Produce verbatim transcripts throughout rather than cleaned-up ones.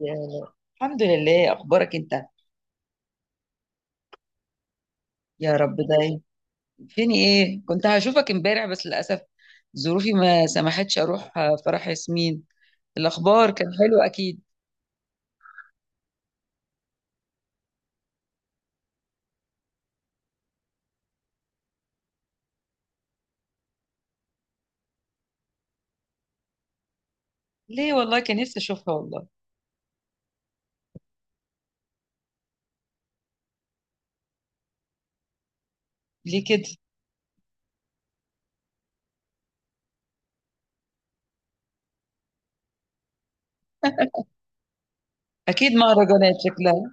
يا لا. الحمد لله، اخبارك انت؟ يا رب دايم. فين ايه، كنت هشوفك امبارح بس للاسف ظروفي ما سمحتش اروح آه، فرح ياسمين. الاخبار كان حلو اكيد. ليه والله كان نفسي اشوفها والله. ليه كده؟ اكيد مهرجانات شكلها.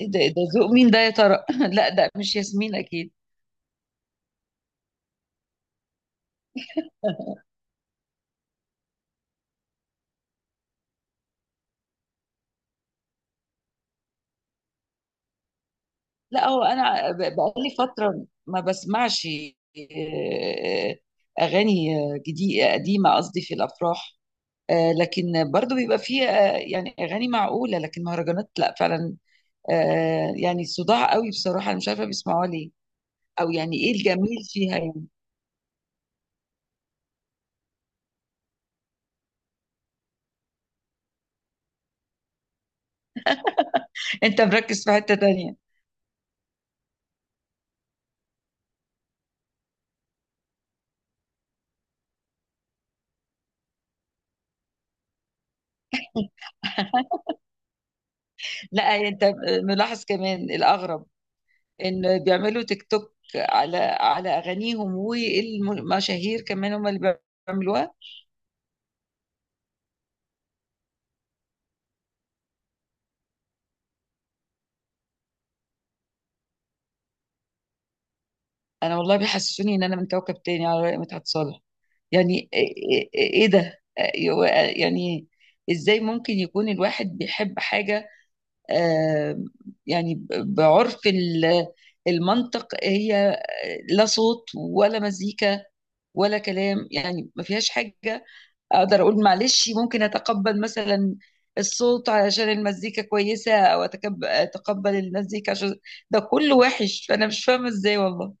ايه ده إيه ده ذوق مين ده يا ترى؟ لا ده مش ياسمين اكيد. لا هو انا ب- بقالي فتره ما بسمعش آه، اغاني جديده قديمه، قصدي في الافراح. آه، لكن برضو بيبقى فيه آه، يعني اغاني معقوله، لكن مهرجانات لا فعلا. آه، يعني صداع قوي بصراحه، انا مش عارفه بيسمعوها ليه، او يعني ايه الجميل فيها يعني. انت مركز في حته تانية. لا انت ملاحظ كمان الاغرب ان بيعملوا تيك توك على على اغانيهم، والمشاهير كمان هم اللي بيعملوها. انا والله بيحسسوني ان انا من كوكب تاني على رأي مدحت صالح. يعني ايه إيه- إيه ده آه، يعني ازاي ممكن يكون الواحد بيحب حاجه؟ آه، يعني ب- بعرف ال- المنطق، هي لا صوت ولا مزيكا ولا كلام، يعني ما فيهاش حاجة. أقدر أقول معلش ممكن أتقبل مثلا الصوت علشان المزيكا كويسة، أو أتكب- أتقبل المزيكا عشان ده كله وحش، فأنا مش فاهمة إزاي والله.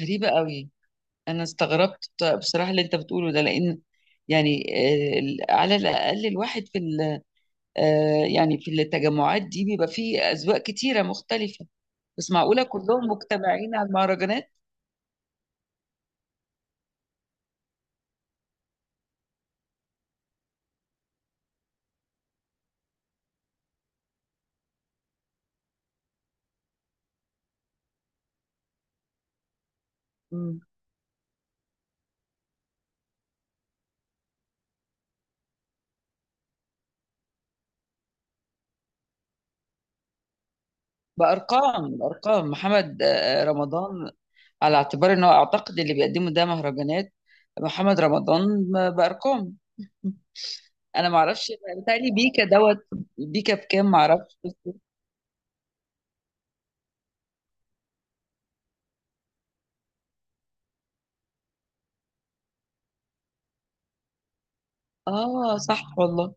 غريبة قوي. أنا استغربت بصراحة اللي أنت بتقوله ده، لأن يعني آه، على الأقل الواحد في ال آه، يعني في التجمعات دي بيبقى فيه أذواق كتيرة مختلفة. بس معقولة كلهم مجتمعين على المهرجانات؟ مم. بأرقام أرقام محمد آه، رمضان، على اعتبار إنه أعتقد اللي بيقدمه ده مهرجانات. محمد رمضان بأرقام. أنا معرفش، بيتهيألي بيكا دوت بيكا بكام معرفش. آه صح والله.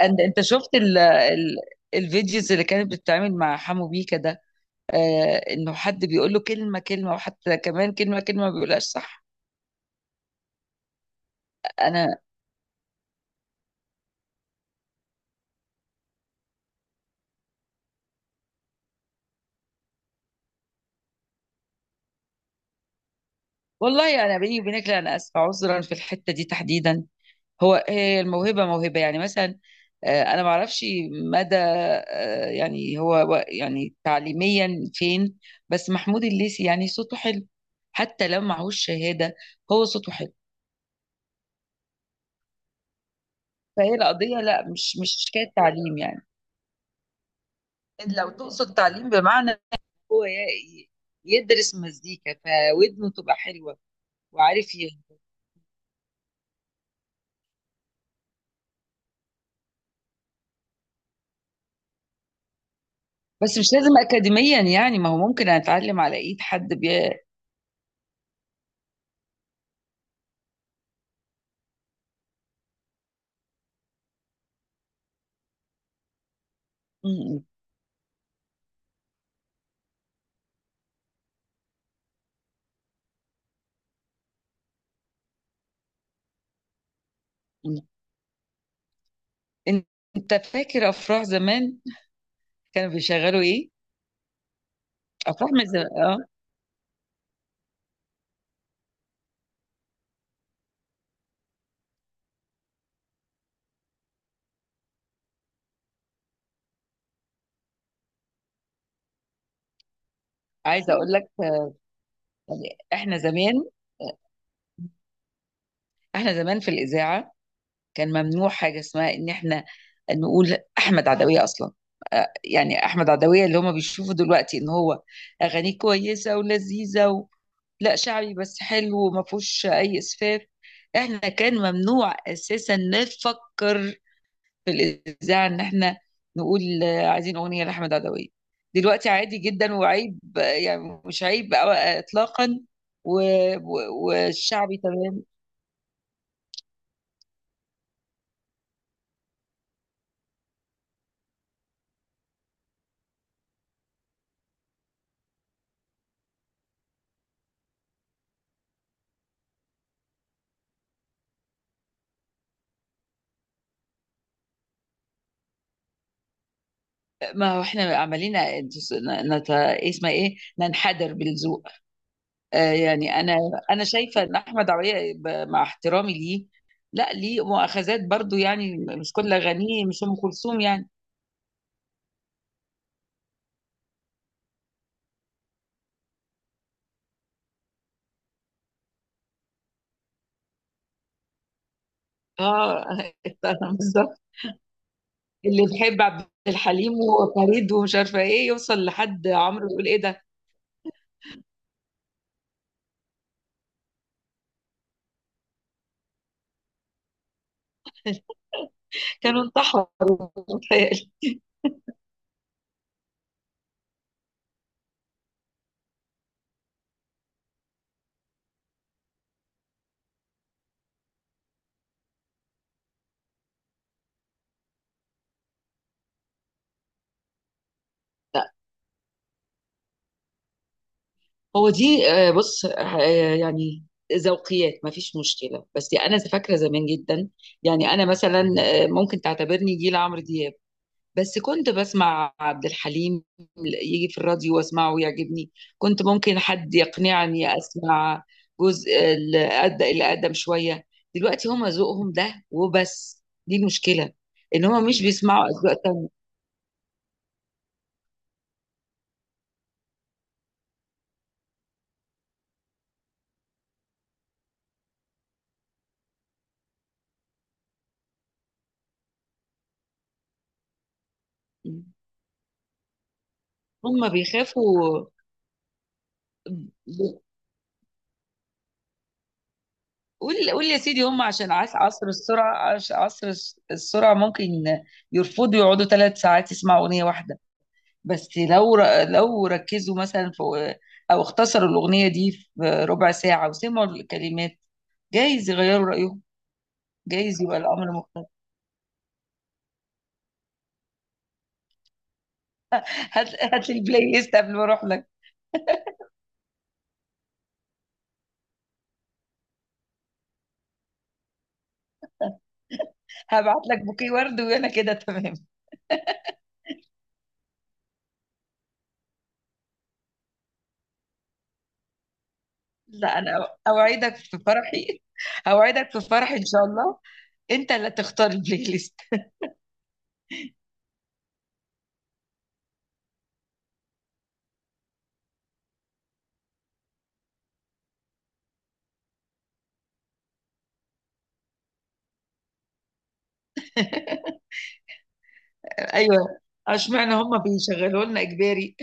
أنت أنت شفت ال ال الفيديوز اللي كانت بتتعمل مع حمو بيكا ده؟ آه، انه حد بيقول له كلمه كلمه، وحتى كمان كلمه كلمه ما بيقولهاش صح. انا والله، انا بيني وبينك، لا انا اسفه، عذرا في الحته دي تحديدا. هو هي الموهبه موهبه يعني، مثلا آه، انا ما اعرفش مدى آه، يعني هو هو يعني تعليميا فين. بس محمود الليثي يعني صوته حلو، حتى لو معهوش شهاده هو صوته حلو. فهي القضيه لا، مش مش حكايه تعليم يعني. لو تقصد تعليم بمعنى هو ي- يدرس مزيكا فودنه تبقى حلوه، وعارف ي... بس مش لازم اكاديميا يعني، ما هو ممكن اتعلم على ايد حد بي... م- م- م. انت فاكر افراح زمان كانوا بيشغلوا ايه؟ افراح من زمان اه. عايزه اقول لك، يعني احنا زمان، احنا زمان في الاذاعه كان ممنوع حاجه اسمها ان احنا نقول احمد عدويه اصلا. آه، يعني احمد عدويه اللي هم بيشوفوا دلوقتي ان هو اغانيه كويسه ولذيذه، لا شعبي بس حلو وما فيهوش اي اسفاف. احنا كان ممنوع اساسا نفكر في الاذاعه ان احنا نقول آه، عايزين اغنيه لاحمد عدويه. دلوقتي عادي جدا وعيب، آه، يعني مش عيب آه، اطلاقا. و- و- والشعبي تمام. ما هو احنا عمالين نت... نت... اسمها ايه، ننحدر بالذوق. آه، يعني انا انا شايفه ان احمد عويه، ب- مع احترامي ليه، لا ليه مؤاخذات برضو، يعني مش كل اغانيه مش ام كلثوم يعني. اه، بالظبط. اللي بيحب عبد الحليم وفريد ومش عارفه ايه، يوصل لحد عمرو يقول ايه ده. كانوا انتحروا متهيألي. لا هو دي آه، بص آه، يعني ذوقيات، ما فيش مشكله، بس انا فاكره زمان جدا. يعني انا مثلا آه، ممكن تعتبرني جيل عمرو دياب، بس كنت بسمع عبد الحليم يجي في الراديو واسمعه ويعجبني. كنت ممكن حد يقنعني اسمع جزء الأد- اللي اقدم شويه. دلوقتي هما ذوقهم ده وبس، دي المشكله، ان هما مش بيسمعوا اذواق تانية. هما بيخافوا. ب- قول قول يا سيدي، هما عشان عص- عصر السرعه، عش- عصر الس- السرعه، ممكن يرفضوا يقعدوا ثلاث ساعات يسمعوا اغنيه واحده. بس لو ر- لو ركزوا مثلا، في او اختصروا الأغنية دي في ربع ساعة وسمعوا الكلمات، جايز يغيروا رأيهم، جايز يبقى الأمر مختلف. هات هات لي البلاي ليست قبل ما أروح لك. هبعت لك بوكيه ورد وأنا كده تمام. لا أنا أو- أوعدك في فرحي، أوعدك في فرحي إن شاء الله. أنت اللي تختار البلاي ليست. أيوه. اشمعنى هم بيشغلوا لنا إجباري؟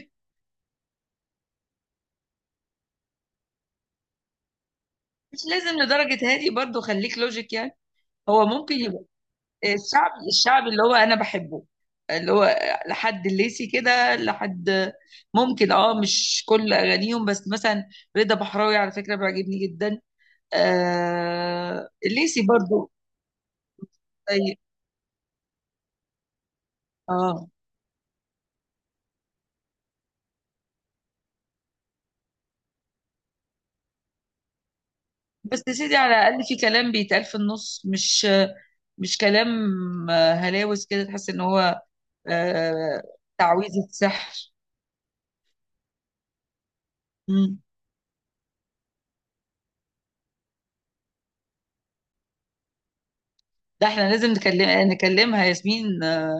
مش لازم لدرجة هادي برضو، خليك لوجيك يعني. هو ممكن يبقى الشعبي، الشعبي اللي هو انا بحبه، اللي هو لحد الليسي كده، لحد ممكن، اه مش كل اغانيهم بس مثلا رضا بحراوي على فكره بيعجبني جدا، آه الليسي برضو. طيب، اه. بس يا سيدي على الاقل في كلام بيتقال في النص، مش مش كلام آه، هلاوس كده، تحس ان هو آه تعويذه سحر. مم. ده احنا لازم نكلم نكلمها ياسمين، آه،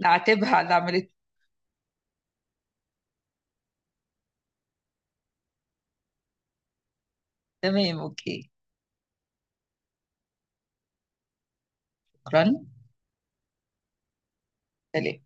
نعاتبها على اللي عملته. تمام، اوكي. شكرا، سليم.